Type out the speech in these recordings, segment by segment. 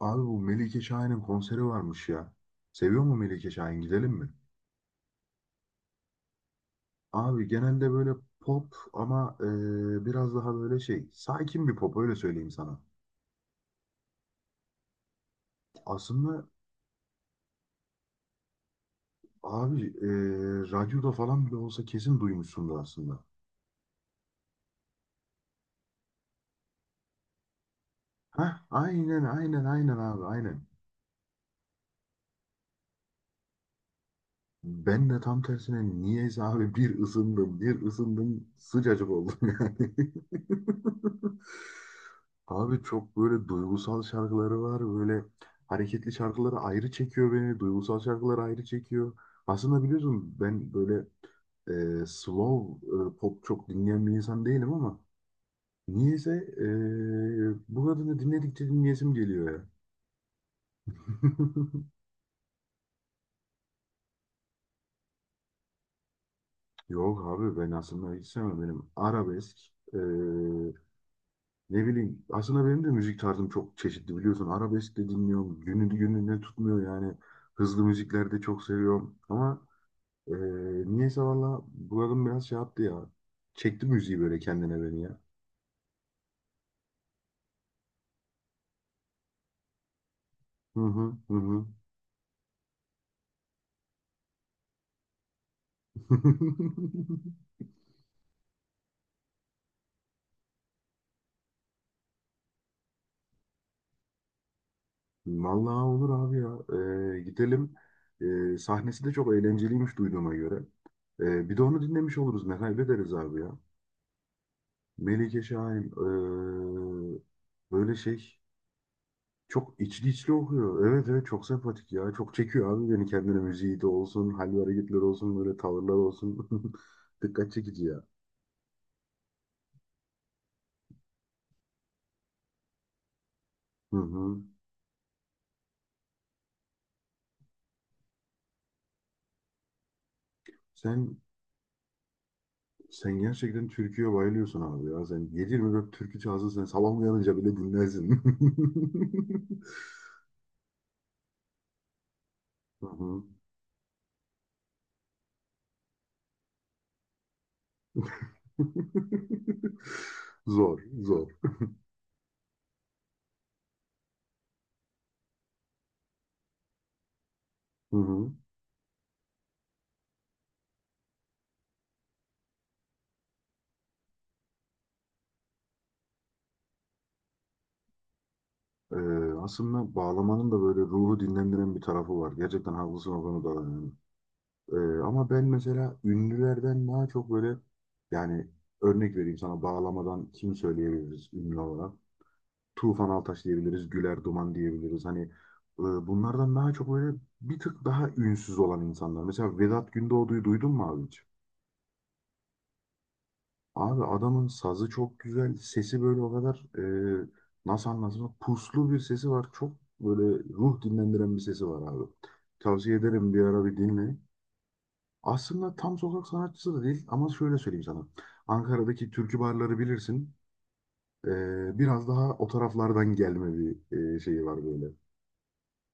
Abi bu Melike Şahin'in konseri varmış ya. Seviyor mu Melike Şahin? Gidelim mi? Abi genelde böyle pop ama biraz daha böyle şey sakin bir pop öyle söyleyeyim sana. Aslında abi radyoda falan bile olsa kesin duymuşsundur aslında. Heh aynen aynen aynen abi aynen. Ben de tam tersine niyeyse abi bir ısındım bir ısındım sıcacık oldum yani. Abi çok böyle duygusal şarkıları var. Böyle hareketli şarkıları ayrı çekiyor beni. Duygusal şarkıları ayrı çekiyor. Aslında biliyorsun ben böyle slow pop çok dinleyen bir insan değilim ama niyeyse bu kadını dinledikçe dinleyesim geliyor ya. Yok abi ben aslında hiç sevmem. Benim arabesk e, ne bileyim aslında benim de müzik tarzım çok çeşitli biliyorsun. Arabesk de dinliyorum. Günü gününe tutmuyor yani. Hızlı müzikler de çok seviyorum. Ama Ee, niyeyse valla buranın biraz şey yaptı ya. Çekti müziği böyle kendine beni ya. Hı hı hı hı. Vallahi olur abi ya. Gidelim. Sahnesi de çok eğlenceliymiş duyduğuma göre. Bir de onu dinlemiş oluruz. Ne kaybederiz abi ya. Melike Şahin. Böyle şey. Çok içli içli okuyor. Evet evet çok sempatik ya. Çok çekiyor abi beni kendine müziği de olsun. Hal ve hareketler olsun. Böyle tavırlar olsun. Dikkat çekici ya. Hı hı. Sen Sen gerçekten türküye bayılıyorsun abi ya. Sen yedi yirmi 24 türkü çalsın sen sabah uyanınca bile dinlersin. Hı hı. Zor, zor. Hı hı. Ee, aslında bağlamanın da böyle ruhu dinlendiren bir tarafı var. Gerçekten haklısın o konuda. Da yani. Ee, ama ben mesela ünlülerden daha çok böyle yani örnek vereyim sana bağlamadan kim söyleyebiliriz ünlü olarak? Tufan Altaş diyebiliriz, Güler Duman diyebiliriz. Hani bunlardan daha çok böyle bir tık daha ünsüz olan insanlar. Mesela Vedat Gündoğdu'yu duydun mu abi hiç? Abi adamın sazı çok güzel, sesi böyle o kadar e, nasıl anlatayım? Puslu bir sesi var. Çok böyle ruh dinlendiren bir sesi var abi. Tavsiye ederim bir ara bir dinle. Aslında tam sokak sanatçısı da değil ama şöyle söyleyeyim sana. Ankara'daki türkü barları bilirsin. E, biraz daha o taraflardan gelme bir şeyi var böyle.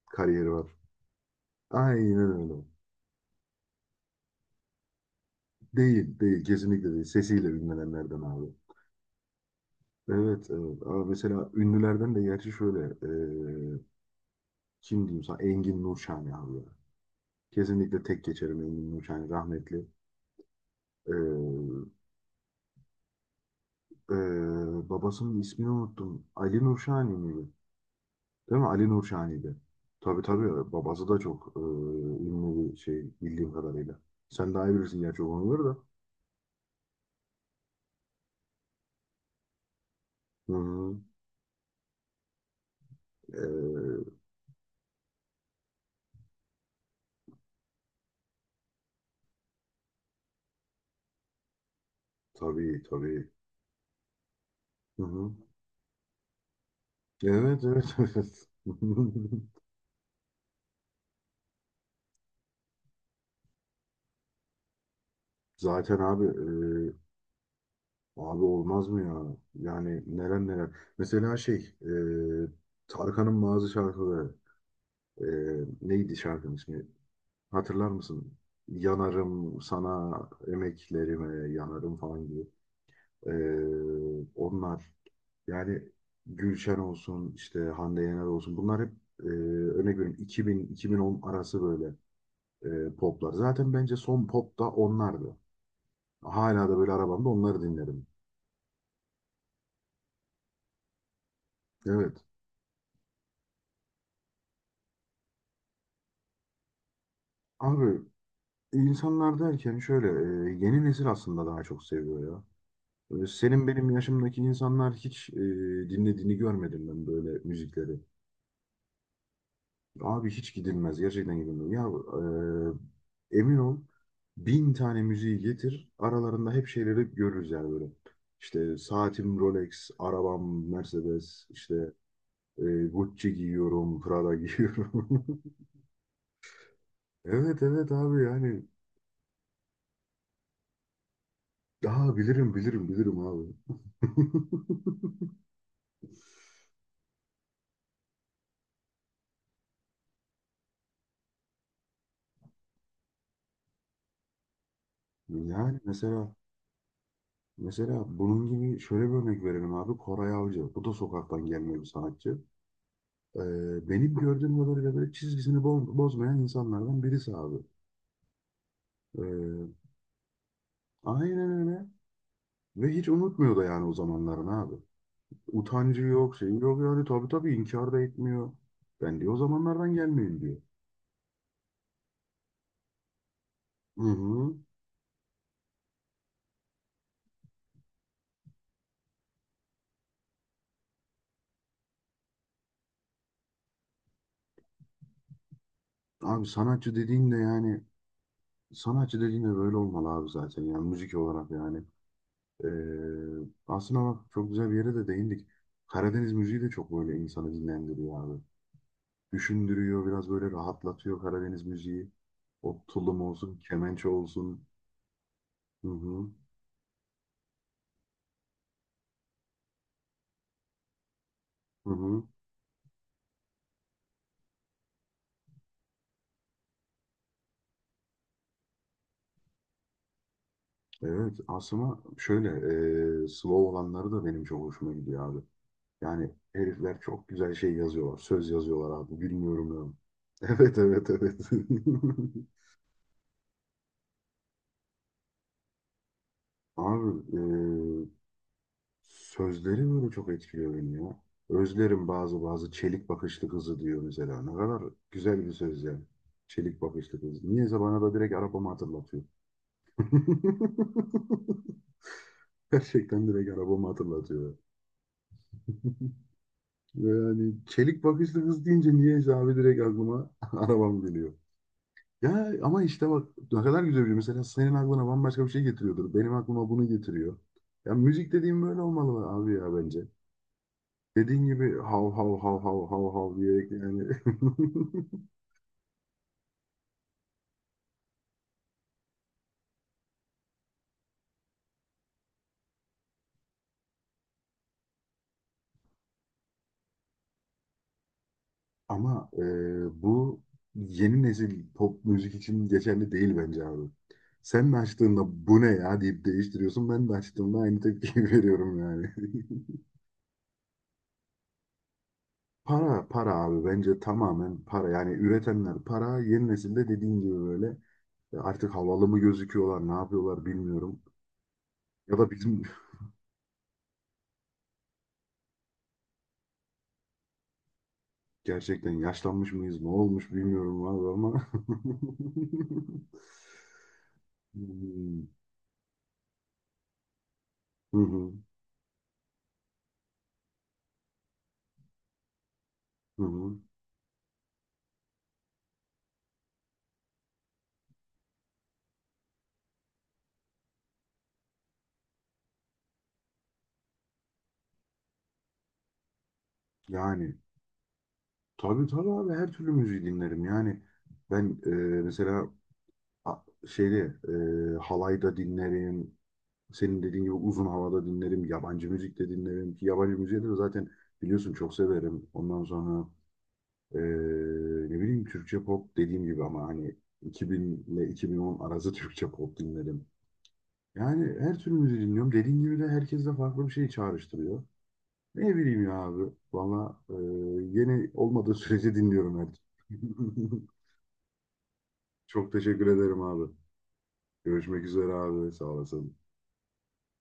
Kariyeri var. Aynen öyle. Değil, değil. Kesinlikle değil. Sesiyle ünlenenlerden abi. Evet, evet. Abi mesela ünlülerden de gerçi şöyle. Kim diyeyim sana? Engin Nurşani abi ya. Kesinlikle tek geçerim Engin Nurşani rahmetli. Eee, eee, babasının ismini unuttum. Ali Nurşani miydi? Değil mi? Ali Nurşani'ydi. Tabii tabii. Babası da çok ünlü bir şey bildiğim kadarıyla. Sen daha iyi bilirsin gerçi o konuları da. Hı hı. Eee, tabii tabii. Hı hı. Evet evet evet. Zaten abi abi olmaz mı ya? Yani neler neler. Mesela şey e, Tarkan'ın bazı şarkıları e, neydi şarkının ismi? Hatırlar mısın? Yanarım sana emeklerime yanarım falan gibi. E, onlar yani Gülşen olsun işte Hande Yener olsun bunlar hep örnek veriyorum 2000-2010 arası böyle poplar. Zaten bence son pop da onlardı. Hala da böyle arabamda onları dinlerim. Evet. Abi insanlar derken şöyle yeni nesil aslında daha çok seviyor ya. Böyle senin benim yaşımdaki insanlar hiç dinlediğini görmedim ben böyle müzikleri. Abi hiç gidilmez gerçekten gidilmez. Ya emin ol bin tane müziği getir aralarında hep şeyleri görürüz yani böyle. İşte saatim Rolex, arabam Mercedes, işte Gucci giyiyorum, Prada giyiyorum. Evet evet abi yani daha bilirim bilirim bilirim abi. Yani mesela bunun gibi şöyle bir örnek verelim abi. Koray Avcı. Bu da sokaktan gelme bir sanatçı. Benim gördüğüm kadarıyla böyle çizgisini bozmayan insanlardan birisi abi. Ee, aynen öyle. Ve hiç unutmuyor da yani o zamanların abi. Utancı yok, şey yok yani tabii tabii inkar da etmiyor. Ben diyor o zamanlardan gelmeyeyim diyor. Hı hı. Abi sanatçı dediğin de böyle olmalı abi zaten yani müzik olarak yani. Ee, aslında bak çok güzel bir yere de değindik. Karadeniz müziği de çok böyle insanı dinlendiriyor abi. Düşündürüyor, biraz böyle rahatlatıyor Karadeniz müziği. O tulum olsun, kemençe olsun. Hı hı, hı hı. Evet, aslında şöyle slow olanları da benim çok hoşuma gidiyor abi. Yani herifler çok güzel şey yazıyorlar, söz yazıyorlar abi. Bilmiyorum ya. Evet, evet, evet. Abi ee, Sözleri böyle çok etkiliyor beni ya. Özlerim bazı bazı çelik bakışlı kızı diyor mesela. Ne kadar güzel bir söz yani. Çelik bakışlı kız. Niyeyse bana da direkt arabamı hatırlatıyor. Gerçekten direkt arabamı hatırlatıyor. Yani çelik bakışlı kız deyince niyeyse abi direkt aklıma arabam geliyor. Ya ama işte bak ne kadar güzel bir şey. Mesela senin aklına bambaşka bir şey getiriyordur. Benim aklıma bunu getiriyor. Ya müzik dediğim böyle olmalı abi ya bence. Dediğin gibi hav hav hav hav hav hav diye yani. Ama bu yeni nesil pop müzik için geçerli değil bence abi. Sen de açtığında bu ne ya deyip değiştiriyorsun. Ben de açtığımda aynı tepkiyi veriyorum yani. Para, para abi bence tamamen para. Yani üretenler para. Yeni nesilde dediğin gibi böyle artık havalı mı gözüküyorlar, ne yapıyorlar bilmiyorum. Ya da bizim gerçekten yaşlanmış mıyız, ne olmuş bilmiyorum abi ama. Hmm. Hı hı, hı hı. Yani tabii tabii abi her türlü müziği dinlerim. Yani ben mesela a- şeyde halayda dinlerim. Senin dediğin gibi uzun havada dinlerim. Yabancı müzik de dinlerim. Ki yabancı müziği de zaten biliyorsun çok severim. Ondan sonra e, ne bileyim Türkçe pop dediğim gibi ama hani 2000 ile 2010 arası Türkçe pop dinlerim. Yani her türlü müziği dinliyorum. Dediğin gibi de herkes de farklı bir şey çağrıştırıyor. Ne bileyim ya abi. Valla yeni olmadığı sürece dinliyorum her. Çok teşekkür ederim abi. Görüşmek üzere abi. Sağ olasın.